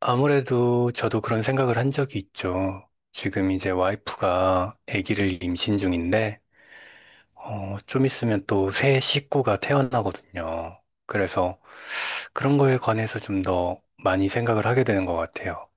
아무래도 저도 그런 생각을 한 적이 있죠. 지금 이제 와이프가 아기를 임신 중인데, 좀 있으면 또 새 식구가 태어나거든요. 그래서 그런 거에 관해서 좀 더 많이 생각을 하게 되는 것 같아요.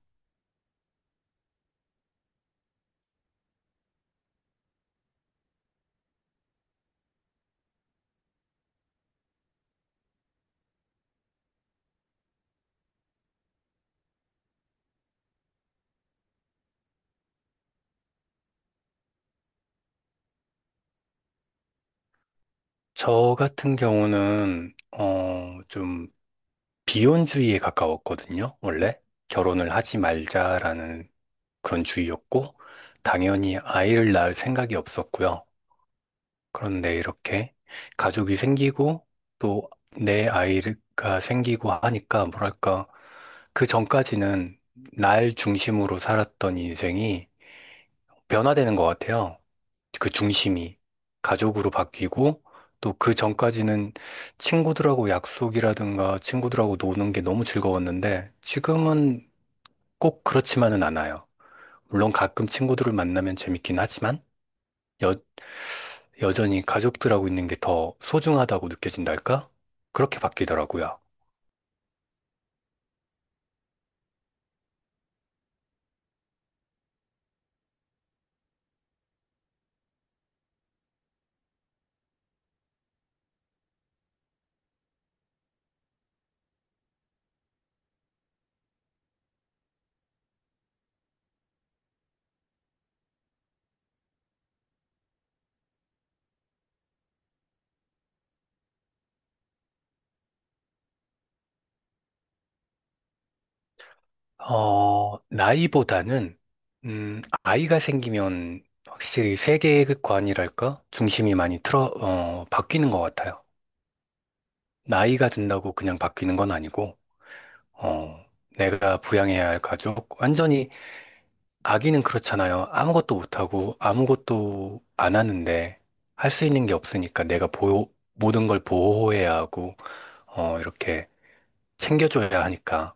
저 같은 경우는, 좀 비혼주의에 가까웠거든요. 원래 결혼을 하지 말자라는 그런 주의였고, 당연히 아이를 낳을 생각이 없었고요. 그런데 이렇게 가족이 생기고 또 내 아이가 생기고 하니까 뭐랄까 그 전까지는 날 중심으로 살았던 인생이 변화되는 것 같아요. 그 중심이 가족으로 바뀌고 또 그 전까지는 친구들하고 약속이라든가 친구들하고 노는 게 너무 즐거웠는데 지금은 꼭 그렇지만은 않아요. 물론 가끔 친구들을 만나면 재밌긴 하지만 여전히 가족들하고 있는 게 더 소중하다고 느껴진달까? 그렇게 바뀌더라고요. 나이보다는, 아이가 생기면 확실히 세계관이랄까? 중심이 많이 바뀌는 것 같아요. 나이가 든다고 그냥 바뀌는 건 아니고, 어, 내가 부양해야 할 가족, 완전히 아기는 그렇잖아요. 아무것도 못하고 아무것도 안 하는데 할 수 있는 게 없으니까 내가 보호, 모든 걸 보호해야 하고, 이렇게 챙겨줘야 하니까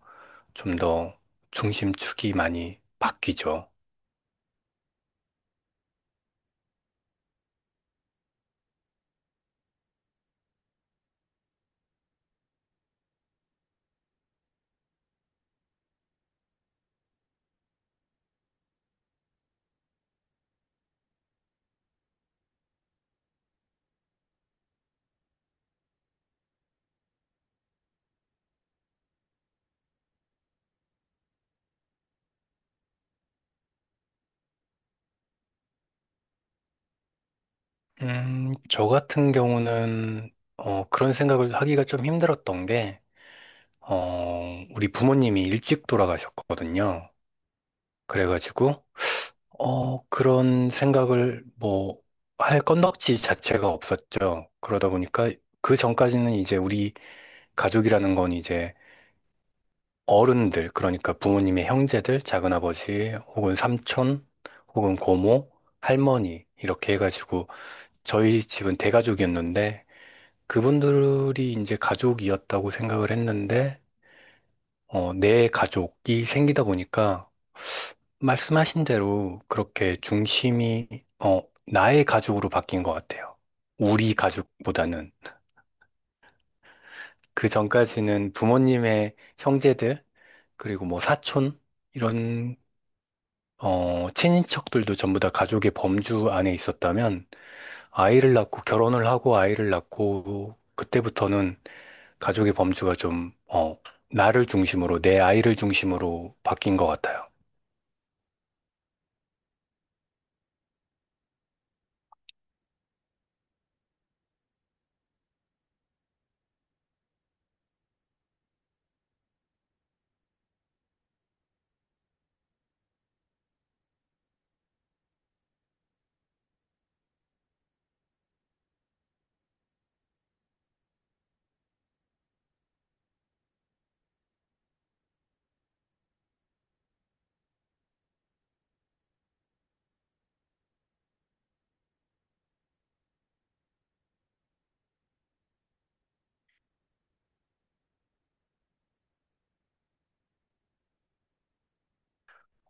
좀 더 중심축이 많이 바뀌죠. 저 같은 경우는 그런 생각을 하기가 좀 힘들었던 게 우리 부모님이 일찍 돌아가셨거든요. 그래가지고 그런 생각을 뭐 할 건덕지 자체가 없었죠. 그러다 보니까 그 전까지는 이제 우리 가족이라는 건 이제 어른들, 그러니까 부모님의 형제들, 작은아버지, 혹은 삼촌, 혹은 고모, 할머니, 이렇게 해가지고, 저희 집은 대가족이었는데, 그분들이 이제 가족이었다고 생각을 했는데, 내 가족이 생기다 보니까, 말씀하신 대로 그렇게 중심이, 나의 가족으로 바뀐 것 같아요. 우리 가족보다는. 그 전까지는 부모님의 형제들, 그리고 뭐 사촌, 이런 친인척들도 전부 다 가족의 범주 안에 있었다면 아이를 낳고 결혼을 하고 아이를 낳고 그때부터는 가족의 범주가 좀, 나를 중심으로, 내 아이를 중심으로 바뀐 것 같아요.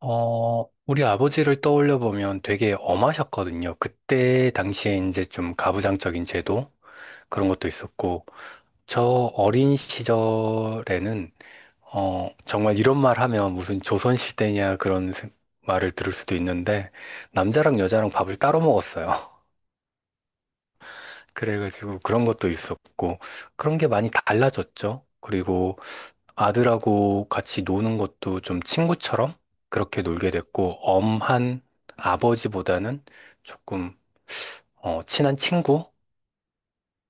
우리 아버지를 떠올려 보면 되게 엄하셨거든요. 그때 당시에 이제 좀 가부장적인 제도 그런 것도 있었고, 저 어린 시절에는 정말 이런 말 하면 무슨 조선시대냐 말을 들을 수도 있는데, 남자랑 여자랑 밥을 따로 먹었어요. 그래가지고 그런 것도 있었고, 그런 게 많이 달라졌죠. 그리고 아들하고 같이 노는 것도 좀 친구처럼 그렇게 놀게 됐고, 엄한 아버지보다는 조금, 친한 친구?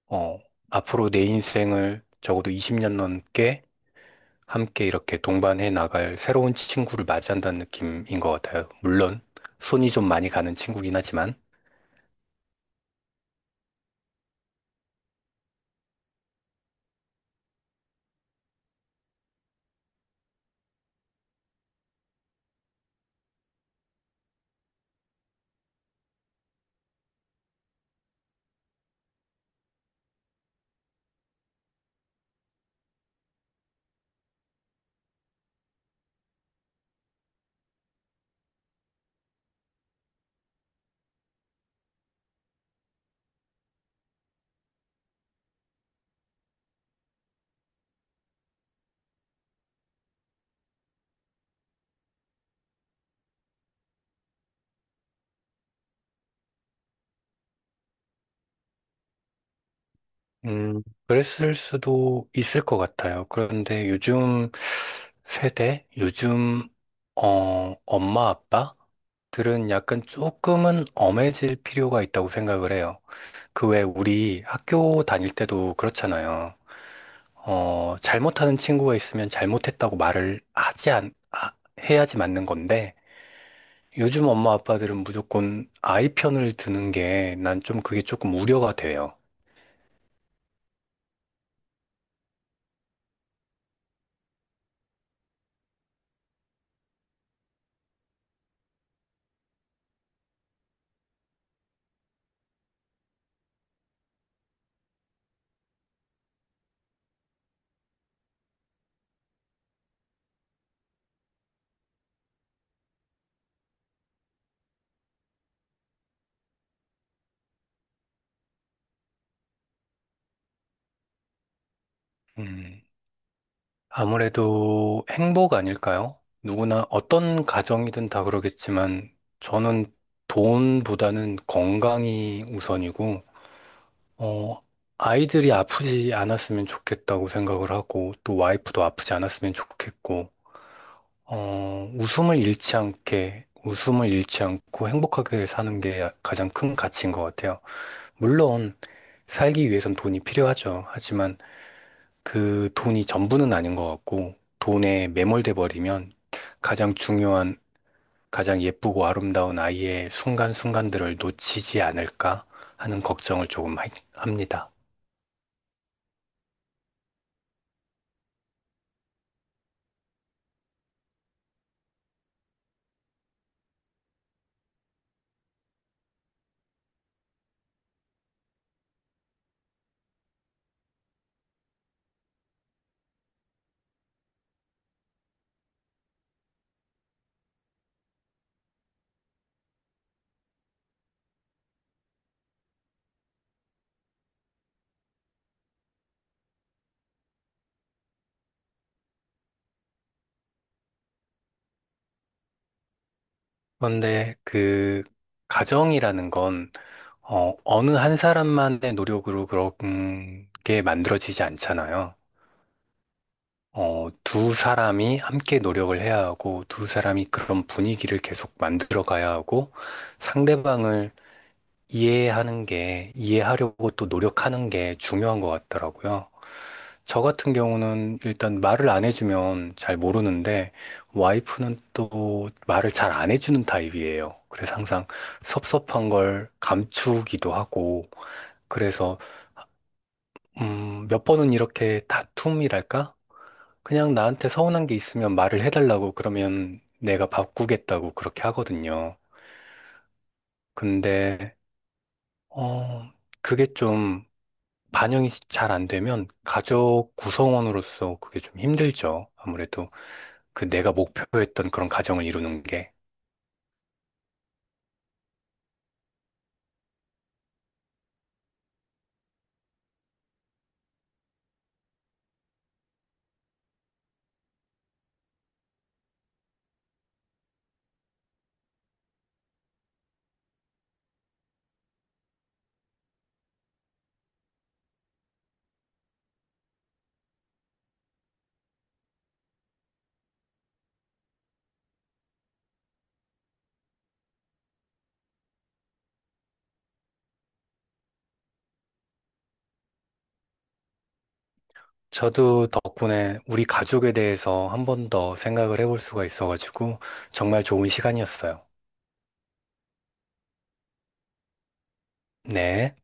어, 앞으로 내 인생을 적어도 20년 넘게 함께 이렇게 동반해 나갈 새로운 친구를 맞이한다는 느낌인 것 같아요. 물론 손이 좀 많이 가는 친구긴 하지만, 음, 그랬을 수도 있을 것 같아요. 그런데 요즘 세대, 요즘 엄마 아빠들은 약간 조금은 엄해질 필요가 있다고 생각을 해요. 그 외 우리 학교 다닐 때도 그렇잖아요. 잘못하는 친구가 있으면 잘못했다고 말을 하지 않, 아, 해야지 맞는 건데. 요즘 엄마 아빠들은 무조건 아이 편을 드는 게 난 좀 그게 조금 우려가 돼요. 음, 아무래도 행복 아닐까요? 누구나 어떤 가정이든 다 그러겠지만 저는 돈보다는 건강이 우선이고, 어, 아이들이 아프지 않았으면 좋겠다고 생각을 하고 또 와이프도 아프지 않았으면 좋겠고, 웃음을 잃지 않게, 웃음을 잃지 않고 행복하게 사는 게 가장 큰 가치인 것 같아요. 물론 살기 위해선 돈이 필요하죠. 하지만 그 돈이 전부는 아닌 것 같고, 돈에 매몰돼 버리면 가장 중요한, 가장 예쁘고 아름다운 아이의 순간순간들을 놓치지 않을까 하는 걱정을 조금 합니다. 그런데 그 가정이라는 건, 어느 한 사람만의 노력으로 그런 게 만들어지지 않잖아요. 두 사람이 함께 노력을 해야 하고, 두 사람이 그런 분위기를 계속 만들어 가야 하고, 상대방을 이해하는 게, 이해하려고 또 노력하는 게 중요한 것 같더라고요. 저 같은 경우는 일단 말을 안 해주면 잘 모르는데, 와이프는 또 말을 잘 안 해주는 타입이에요. 그래서 항상 섭섭한 걸 감추기도 하고, 그래서, 몇 번은 이렇게 다툼이랄까? 그냥 나한테 서운한 게 있으면 말을 해달라고 그러면 내가 바꾸겠다고 그렇게 하거든요. 근데, 어, 그게 좀 반영이 잘 안 되면 가족 구성원으로서 그게 좀 힘들죠. 아무래도 그 내가 목표했던 그런 가정을 이루는 게. 저도 덕분에 우리 가족에 대해서 한 번 더 생각을 해볼 수가 있어가지고 정말 좋은 시간이었어요. 네.